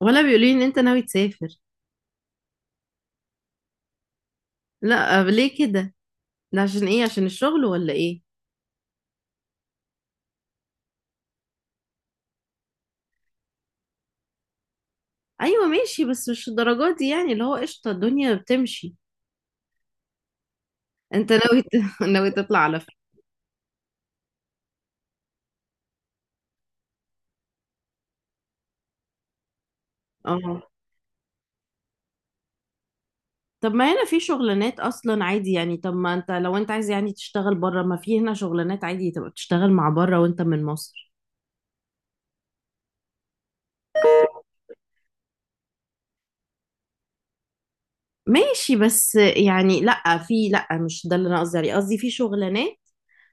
ولا بيقولوا لي ان انت ناوي تسافر. لا ليه كده؟ ده عشان ايه، عشان الشغل ولا ايه؟ ايوه ماشي، بس مش الدرجات دي يعني، اللي هو قشطه الدنيا بتمشي. انت ناوي ناوي تطلع على فين؟ اه، طب ما هنا في شغلانات اصلا عادي، يعني طب ما انت لو انت عايز يعني تشتغل بره، ما في هنا شغلانات عادي تبقى تشتغل مع بره وانت من مصر. ماشي بس يعني لا، في لا مش ده اللي انا قصدي عليه، قصدي في شغلانات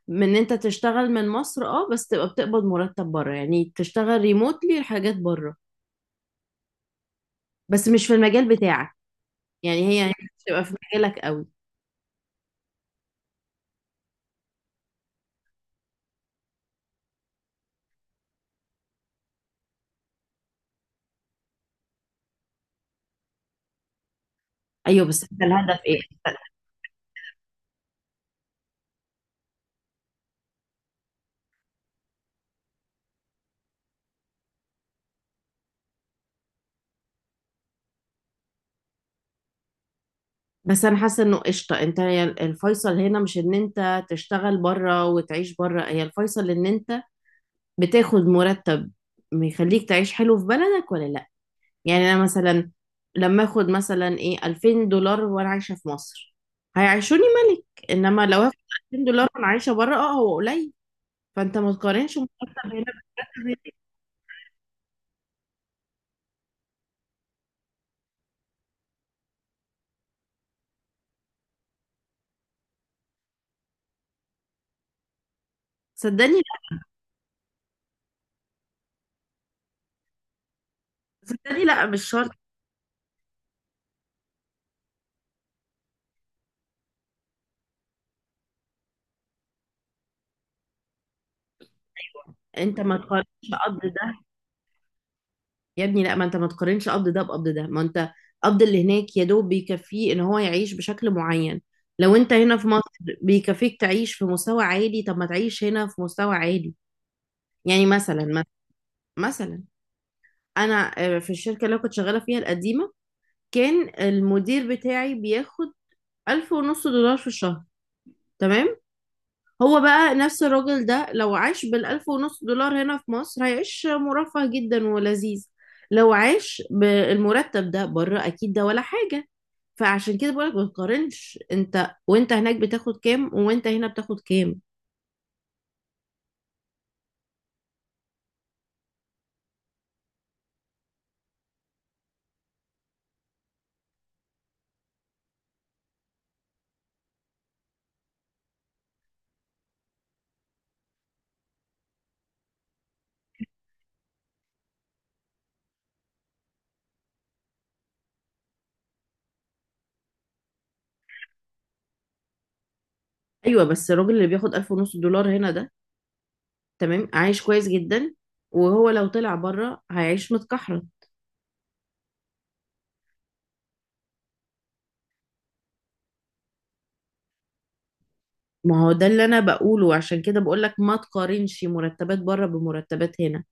من ان انت تشتغل من مصر، اه، بس تبقى بتقبض مرتب بره، يعني تشتغل ريموتلي الحاجات بره، بس مش في المجال بتاعك. يعني هي مش تبقى في مجالك قوي. ايوه بس انت الهدف ايه؟ بس انا حاسه انه قشطه، انت هي الفيصل هنا، مش ان انت تشتغل بره وتعيش بره، هي الفيصل ان انت بتاخد مرتب يخليك تعيش حلو في بلدك ولا لا. يعني انا مثلا لما اخد مثلا ايه 2000 دولار وانا عايشه في مصر هيعيشوني ملك، انما لو هاخد 2000 دولار وانا عايشه بره اه هو قليل. فانت ما تقارنش مرتب هنا بمرتب هناك. صدقني لا. صدقني لا، مش شرط. انت ما تقارنش قبض ده، يا ابني لا، ما انت ما تقارنش قبض ده بقبض ده، ما انت قبض اللي هناك يا دوب بيكفيه ان هو يعيش بشكل معين. لو انت هنا في مصر بيكفيك تعيش في مستوى عالي، طب ما تعيش هنا في مستوى عالي. يعني مثلا انا، في الشركة اللي أنا كنت شغالة فيها القديمة كان المدير بتاعي بياخد ألف ونص دولار في الشهر. تمام؟ هو بقى نفس الراجل ده لو عاش بالألف ونص دولار هنا في مصر هيعيش مرفه جدا ولذيذ. لو عاش بالمرتب ده بره أكيد ده ولا حاجة. فعشان كده بقولك ما تقارنش، انت وانت هناك بتاخد كام وانت هنا بتاخد كام. ايوه بس الراجل اللي بياخد ألف ونص دولار هنا ده، تمام، عايش كويس جدا، وهو لو طلع بره هيعيش متكحرة. ما هو ده اللي انا بقوله، عشان كده بقولك ما تقارنش مرتبات بره بمرتبات هنا.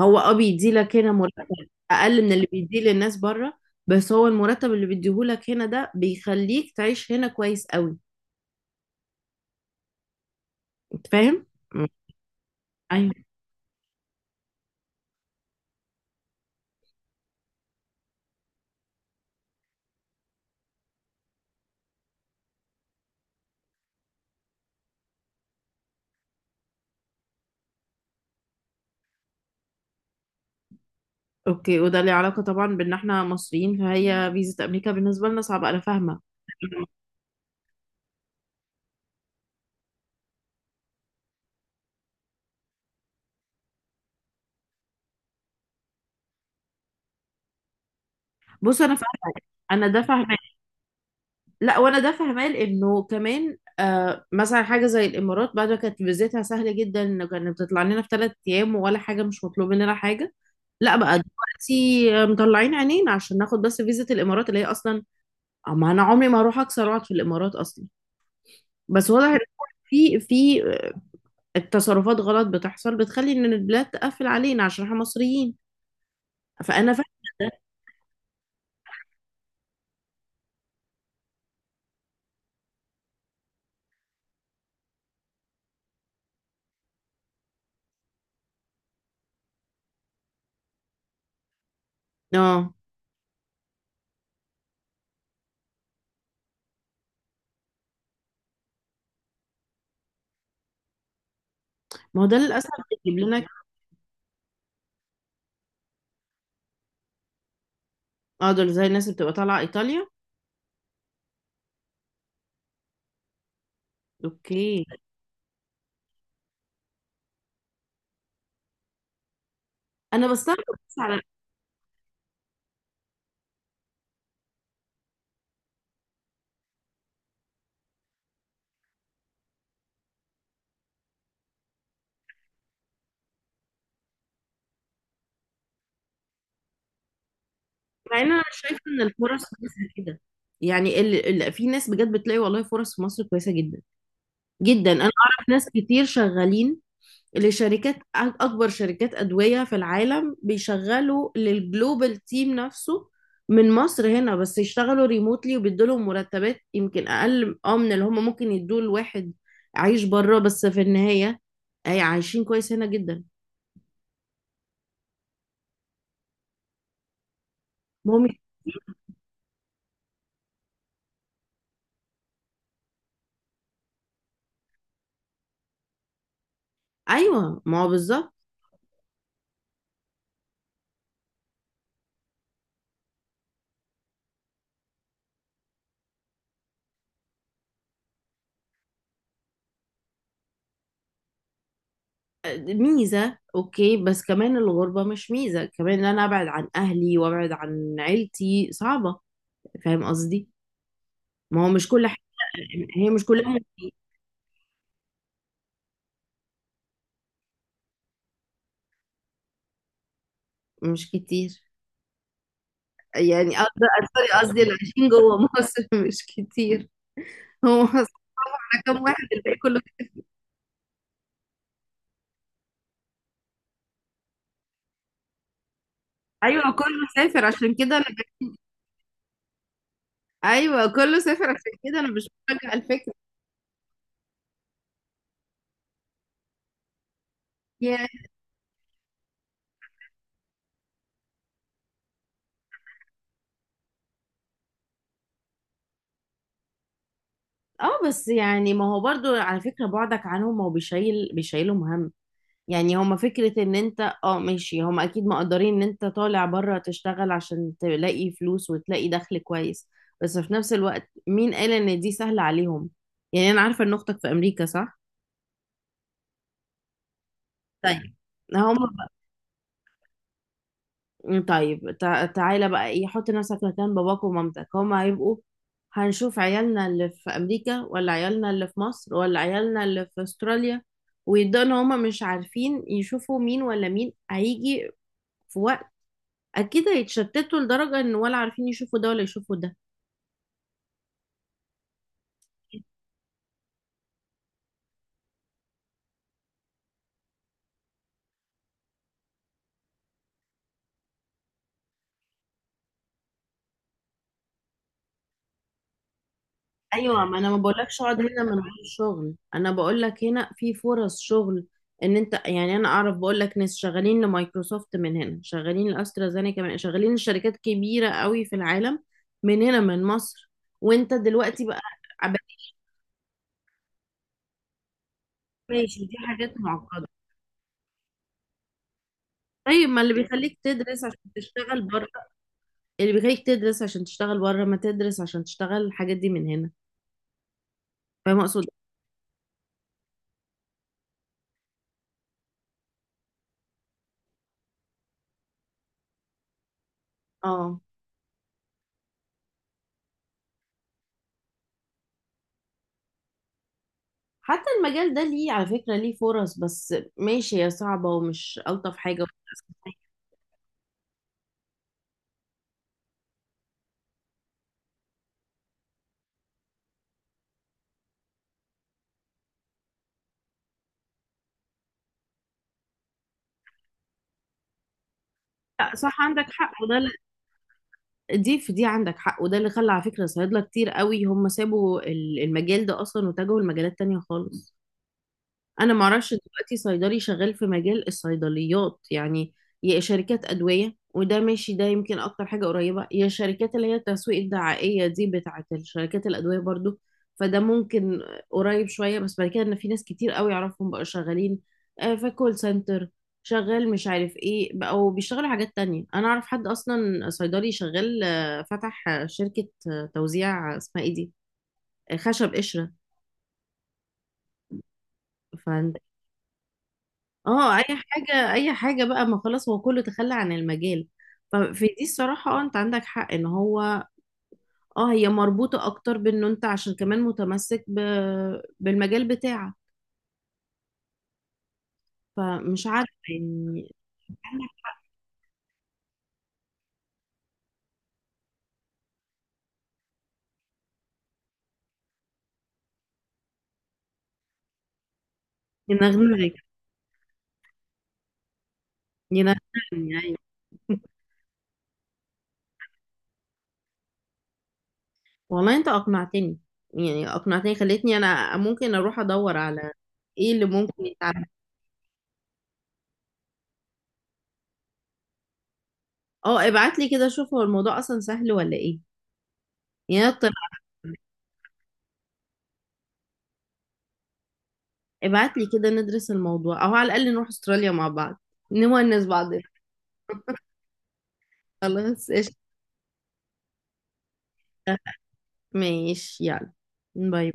هو اه بيدي لك هنا مرتب اقل من اللي بيديه للناس بره، بس هو المرتب اللي بيديهولك هنا ده بيخليك تعيش هنا كويس قوي. انت فاهم؟ مم. ايوه. اوكي، وده ليه علاقه طبعا بان احنا مصريين، فهي فيزا امريكا بالنسبه لنا صعبه، انا فاهمه. بص انا فاهمه. انا ده فاهمه. لا وانا ده فاهمه، لانه كمان آه مثلا حاجه زي الامارات بعد ما كانت فيزتها سهله جدا، انه كانت بتطلع لنا في ثلاث ايام ولا حاجه، مش مطلوب مننا حاجه. لا بقى دلوقتي مطلعين عينينا عشان ناخد بس فيزة الامارات، اللي هي اصلا ما انا عمري ما اروح اكسر واقعد في الامارات اصلا. بس واضح ان في تصرفات غلط بتحصل بتخلي ان البلاد تقفل علينا عشان احنا مصريين. فانا فاهمه. ده اه، ما هو ده للاسف بيجيب لنا. اه دول زي الناس اللي بتبقى طالعه ايطاليا. اوكي. انا بستغرب بس على، مع ان انا شايفه ان الفرص كويسه كده. يعني في ناس بجد بتلاقي والله فرص في مصر كويسه جدا جدا. انا اعرف ناس كتير شغالين لشركات اكبر شركات ادويه في العالم، بيشغلوا للجلوبال تيم نفسه من مصر هنا، بس يشتغلوا ريموتلي، وبيدولهم مرتبات يمكن اقل اه من اللي هم ممكن يدوه لواحد عايش بره، بس في النهايه أي عايشين كويس هنا جدا. هم. ايوه ما هو بالظبط. ميزه، اوكي بس كمان الغربه مش ميزه كمان، ان انا ابعد عن اهلي وابعد عن عيلتي صعبه. فاهم قصدي؟ ما هو مش كل حاجه هي مش كلها. مش كتير، يعني قصدي. سوري قصدي اللي عايشين جوه مصر مش كتير. هو مصر كام واحد، الباقي كله. ايوه كله سافر، عشان كده انا ايوه كله سافر عشان كده انا مش بشجع الفكره. يعني اه، بس يعني ما هو برضو على فكره بعدك عنهم هو بيشيل بيشيله مهم. يعني هما فكره ان انت اه ماشي، هما اكيد مقدرين ان انت طالع بره تشتغل عشان تلاقي فلوس وتلاقي دخل كويس، بس في نفس الوقت مين قال ان دي سهله عليهم؟ يعني انا عارفه ان اختك في امريكا صح؟ طيب. هم. طيب تعالى بقى ايه، حط نفسك مكان باباك ومامتك، هما هيبقوا هنشوف عيالنا اللي في امريكا ولا عيالنا اللي في مصر ولا عيالنا اللي في استراليا، ويبدأوا ان هما مش عارفين يشوفوا مين ولا مين هيجي في وقت. اكيد هيتشتتوا لدرجة ان ولا عارفين يشوفوا ده ولا يشوفوا ده. ايوه ما انا ما بقولكش اقعد هنا من غير شغل، انا بقولك هنا في فرص شغل ان انت يعني، انا اعرف بقولك ناس شغالين لمايكروسوفت من هنا، شغالين لاسترازينيكا، من شغالين لشركات كبيره قوي في العالم من هنا من مصر. وانت دلوقتي بقى بقى- ماشي دي حاجات معقده. طيب ما اللي بيخليك تدرس عشان تشتغل بره، اللي بيخليك تدرس عشان تشتغل بره ما تدرس عشان تشتغل الحاجات دي من هنا. فاهم اقصد؟ اه. حتى المجال ده ليه على فكرة ليه فرص، بس ماشي هي صعبة ومش ألطف حاجة. لا صح، عندك حق، دي في دي عندك حق، وده اللي خلى على فكرة صيادلة كتير قوي هم سابوا المجال ده أصلا واتجهوا لمجالات تانية خالص. انا معرفش دلوقتي صيدلي شغال في مجال الصيدليات يعني، يا شركات ادويه، وده ماشي ده يمكن اكتر حاجه قريبه، يا شركات اللي هي التسويق الدعائيه دي بتاعه الشركات الادويه برضو، فده ممكن قريب شويه، بس بعد كده ان في ناس كتير قوي اعرفهم بقوا شغالين في كول سنتر، شغال مش عارف ايه، او بيشتغلوا حاجات تانية. انا اعرف حد اصلا صيدلي شغال، فتح شركه توزيع، اسمها ايه دي، خشب قشره. اه اي حاجه، اي حاجه بقى، ما خلاص هو كله تخلى عن المجال. ففي دي الصراحه اه انت عندك حق ان هو، اه هي مربوطه اكتر بانه انت عشان كمان متمسك بالمجال بتاعك. فمش عارفه يعني. ينغنغك. ينغنغني، يعني والله انت اقنعتني، يعني اقنعتني، خلتني انا ممكن اروح ادور على ايه اللي ممكن يتعمل. اه ابعت لي كده، شوف هو الموضوع اصلا سهل ولا ايه، يعني أنا اطلع. ابعت لي كده ندرس الموضوع، او على الاقل نروح استراليا مع بعض نونس بعضنا. خلاص قشطة. ماشي يلا، باي.